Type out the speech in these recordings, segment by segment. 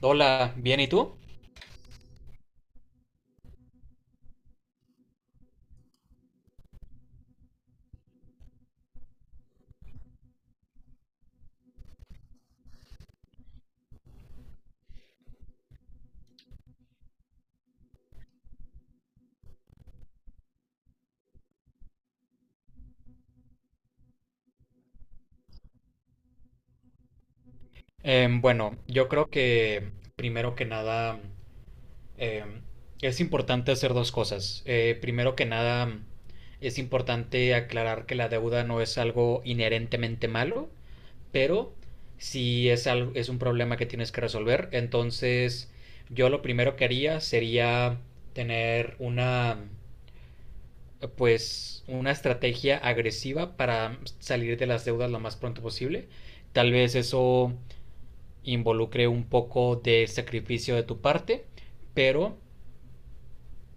Hola, bien, ¿y tú? Bueno, yo creo que primero que nada em, es importante hacer dos cosas. Primero que nada es importante aclarar que la deuda no es algo inherentemente malo, pero si es algo, es un problema que tienes que resolver, entonces yo lo primero que haría sería tener una pues una estrategia agresiva para salir de las deudas lo más pronto posible. Tal vez eso involucre un poco de sacrificio de tu parte, pero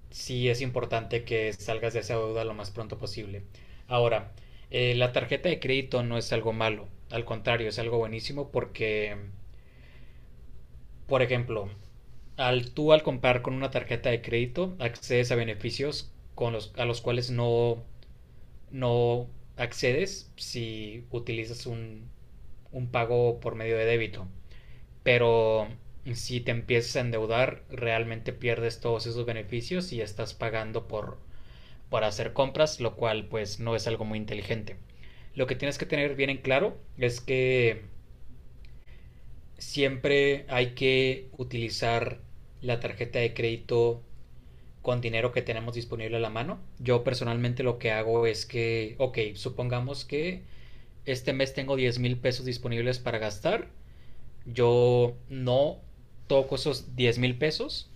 sí es importante que salgas de esa deuda lo más pronto posible. Ahora, la tarjeta de crédito no es algo malo, al contrario, es algo buenísimo porque, por ejemplo, al comprar con una tarjeta de crédito accedes a beneficios con a los cuales no accedes si utilizas un pago por medio de débito. Pero si te empiezas a endeudar, realmente pierdes todos esos beneficios y estás pagando por hacer compras, lo cual pues no es algo muy inteligente. Lo que tienes que tener bien en claro es que siempre hay que utilizar la tarjeta de crédito con dinero que tenemos disponible a la mano. Yo personalmente lo que hago es que, ok, supongamos que este mes tengo 10,000 pesos disponibles para gastar, yo no toco esos 10,000 pesos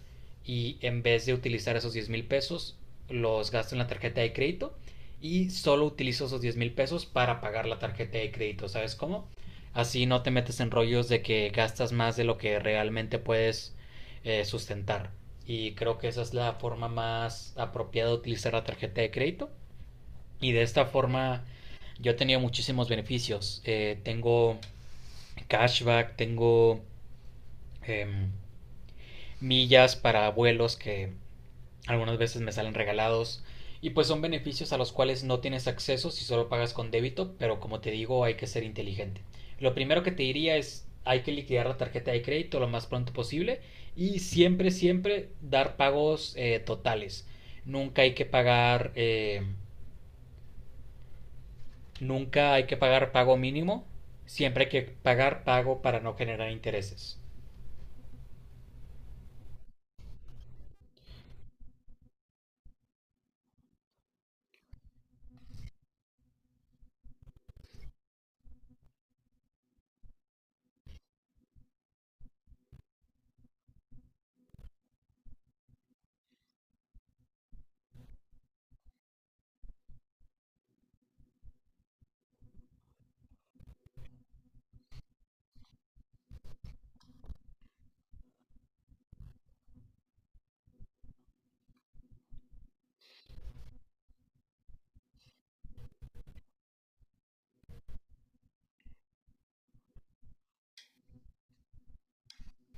y en vez de utilizar esos 10,000 pesos, los gasto en la tarjeta de crédito y solo utilizo esos 10,000 pesos para pagar la tarjeta de crédito, ¿sabes cómo? Así no te metes en rollos de que gastas más de lo que realmente puedes sustentar. Y creo que esa es la forma más apropiada de utilizar la tarjeta de crédito. Y de esta forma yo he tenido muchísimos beneficios. Tengo cashback, tengo em, millas para vuelos que algunas veces me salen regalados. Y pues son beneficios a los cuales no tienes acceso si solo pagas con débito, pero como te digo, hay que ser inteligente. Lo primero que te diría es hay que liquidar la tarjeta de crédito lo más pronto posible y siempre, siempre dar pagos totales. Nunca hay que pagar, nunca hay que pagar pago mínimo. Siempre hay que pagar pago para no generar intereses.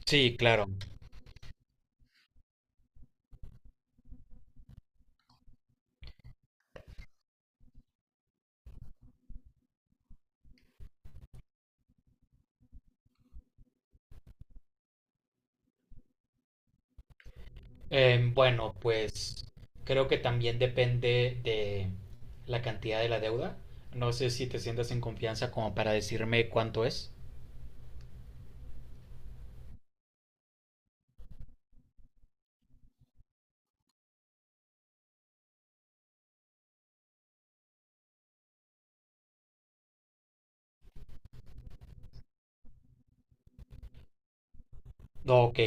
Sí, claro. Bueno, pues creo que también depende de la cantidad de la deuda. No sé si te sientas en confianza como para decirme cuánto es. No, ok.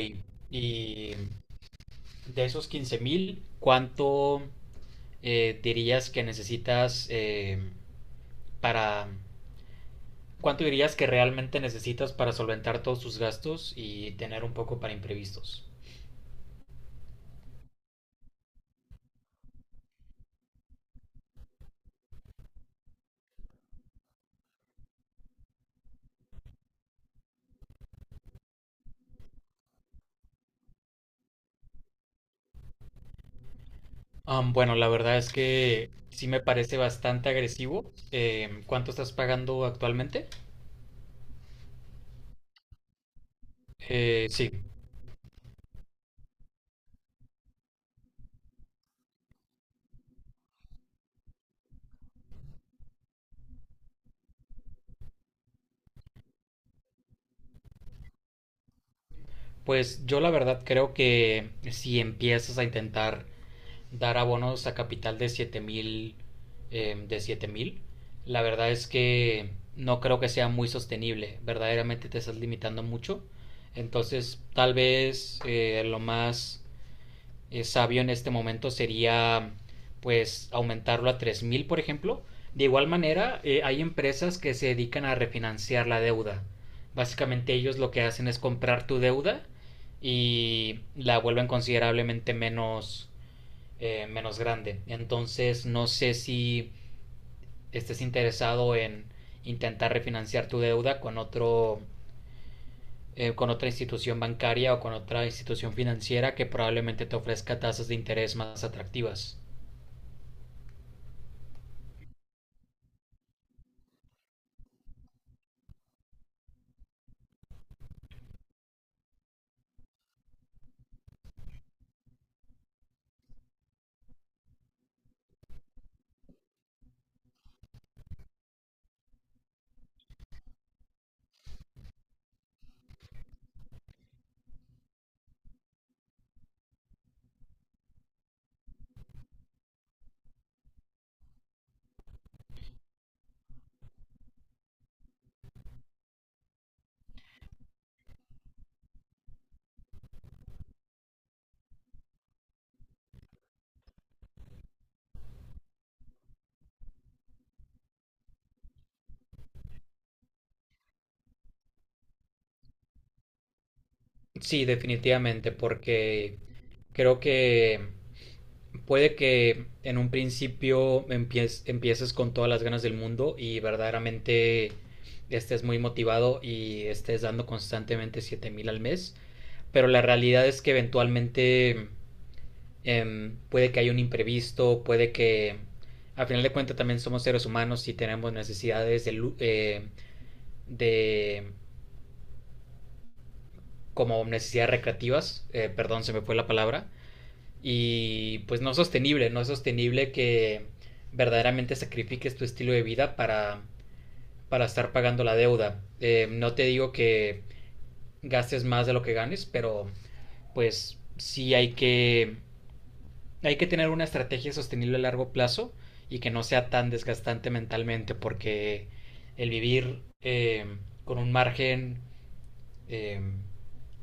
Y de esos 15,000, ¿cuánto dirías que necesitas para... ¿Cuánto dirías que realmente necesitas para solventar todos tus gastos y tener un poco para imprevistos? Bueno, la verdad es que sí me parece bastante agresivo. ¿Cuánto estás pagando actualmente? Sí, pues yo la verdad creo que si empiezas a intentar dar abonos a capital de 7000, de 7,000, la verdad es que no creo que sea muy sostenible. Verdaderamente te estás limitando mucho. Entonces, tal vez lo más sabio en este momento sería pues aumentarlo a 3,000, por ejemplo. De igual manera, hay empresas que se dedican a refinanciar la deuda. Básicamente ellos lo que hacen es comprar tu deuda y la vuelven considerablemente menos, menos grande. Entonces, no sé si estés interesado en intentar refinanciar tu deuda con otro con otra institución bancaria o con otra institución financiera que probablemente te ofrezca tasas de interés más atractivas. Sí, definitivamente, porque creo que puede que en un principio empieces con todas las ganas del mundo y verdaderamente estés muy motivado y estés dando constantemente 7,000 al mes, pero la realidad es que eventualmente puede que haya un imprevisto, puede que a final de cuentas también somos seres humanos y tenemos necesidades de- como necesidades recreativas, perdón, se me fue la palabra, y pues no es sostenible, no es sostenible que verdaderamente sacrifiques tu estilo de vida para estar pagando la deuda. No te digo que gastes más de lo que ganes, pero pues sí Hay que tener una estrategia sostenible a largo plazo y que no sea tan desgastante mentalmente porque el vivir con un margen eh,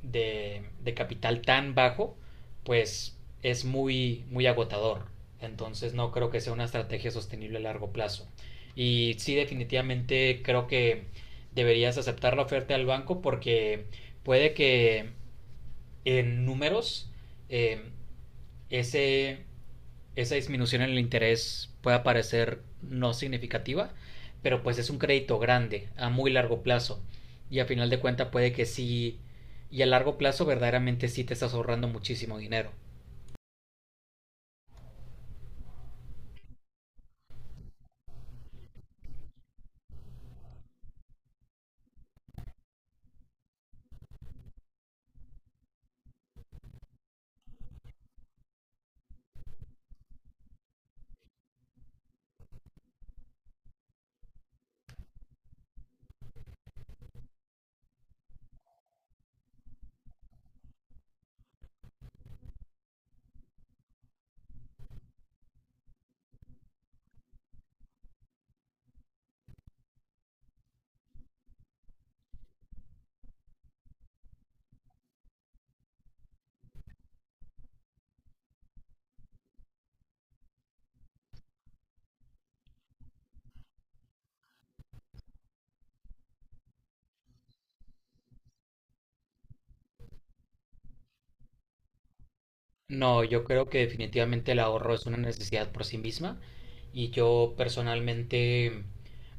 de capital tan bajo, pues es muy, muy agotador. Entonces no creo que sea una estrategia sostenible a largo plazo. Y sí, definitivamente creo que deberías aceptar la oferta del banco porque puede que en números eh, ese, esa disminución en el interés pueda parecer no significativa, pero pues es un crédito grande a muy largo plazo y a final de cuentas puede que sí y a largo plazo verdaderamente sí te estás ahorrando muchísimo dinero. No, yo creo que definitivamente el ahorro es una necesidad por sí misma y yo personalmente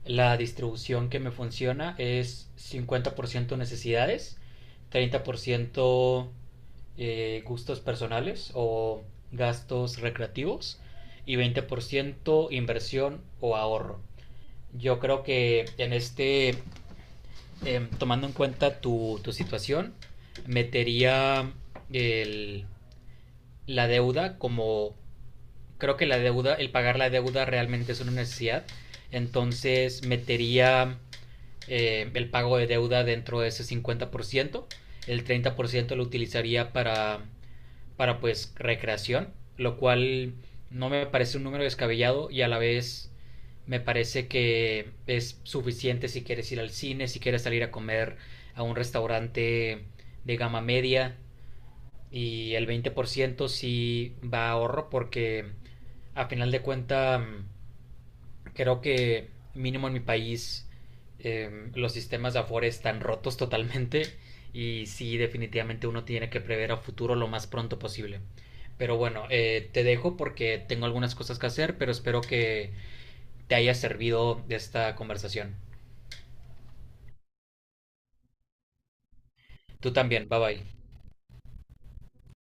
la distribución que me funciona es 50% necesidades, 30% gustos personales o gastos recreativos y 20% inversión o ahorro. Yo creo que en tomando en cuenta tu situación, metería el, la deuda como creo que la deuda, el pagar la deuda realmente es una necesidad, entonces metería el pago de deuda dentro de ese 50%, el 30% lo utilizaría para pues recreación, lo cual no me parece un número descabellado y a la vez me parece que es suficiente si quieres ir al cine, si quieres salir a comer a un restaurante de gama media, y el 20% sí va a ahorro porque a final de cuenta creo que mínimo en mi país los sistemas de Afore están rotos totalmente y sí definitivamente uno tiene que prever a futuro lo más pronto posible. Pero bueno, te dejo porque tengo algunas cosas que hacer, pero espero que te haya servido esta conversación. Tú también, bye bye.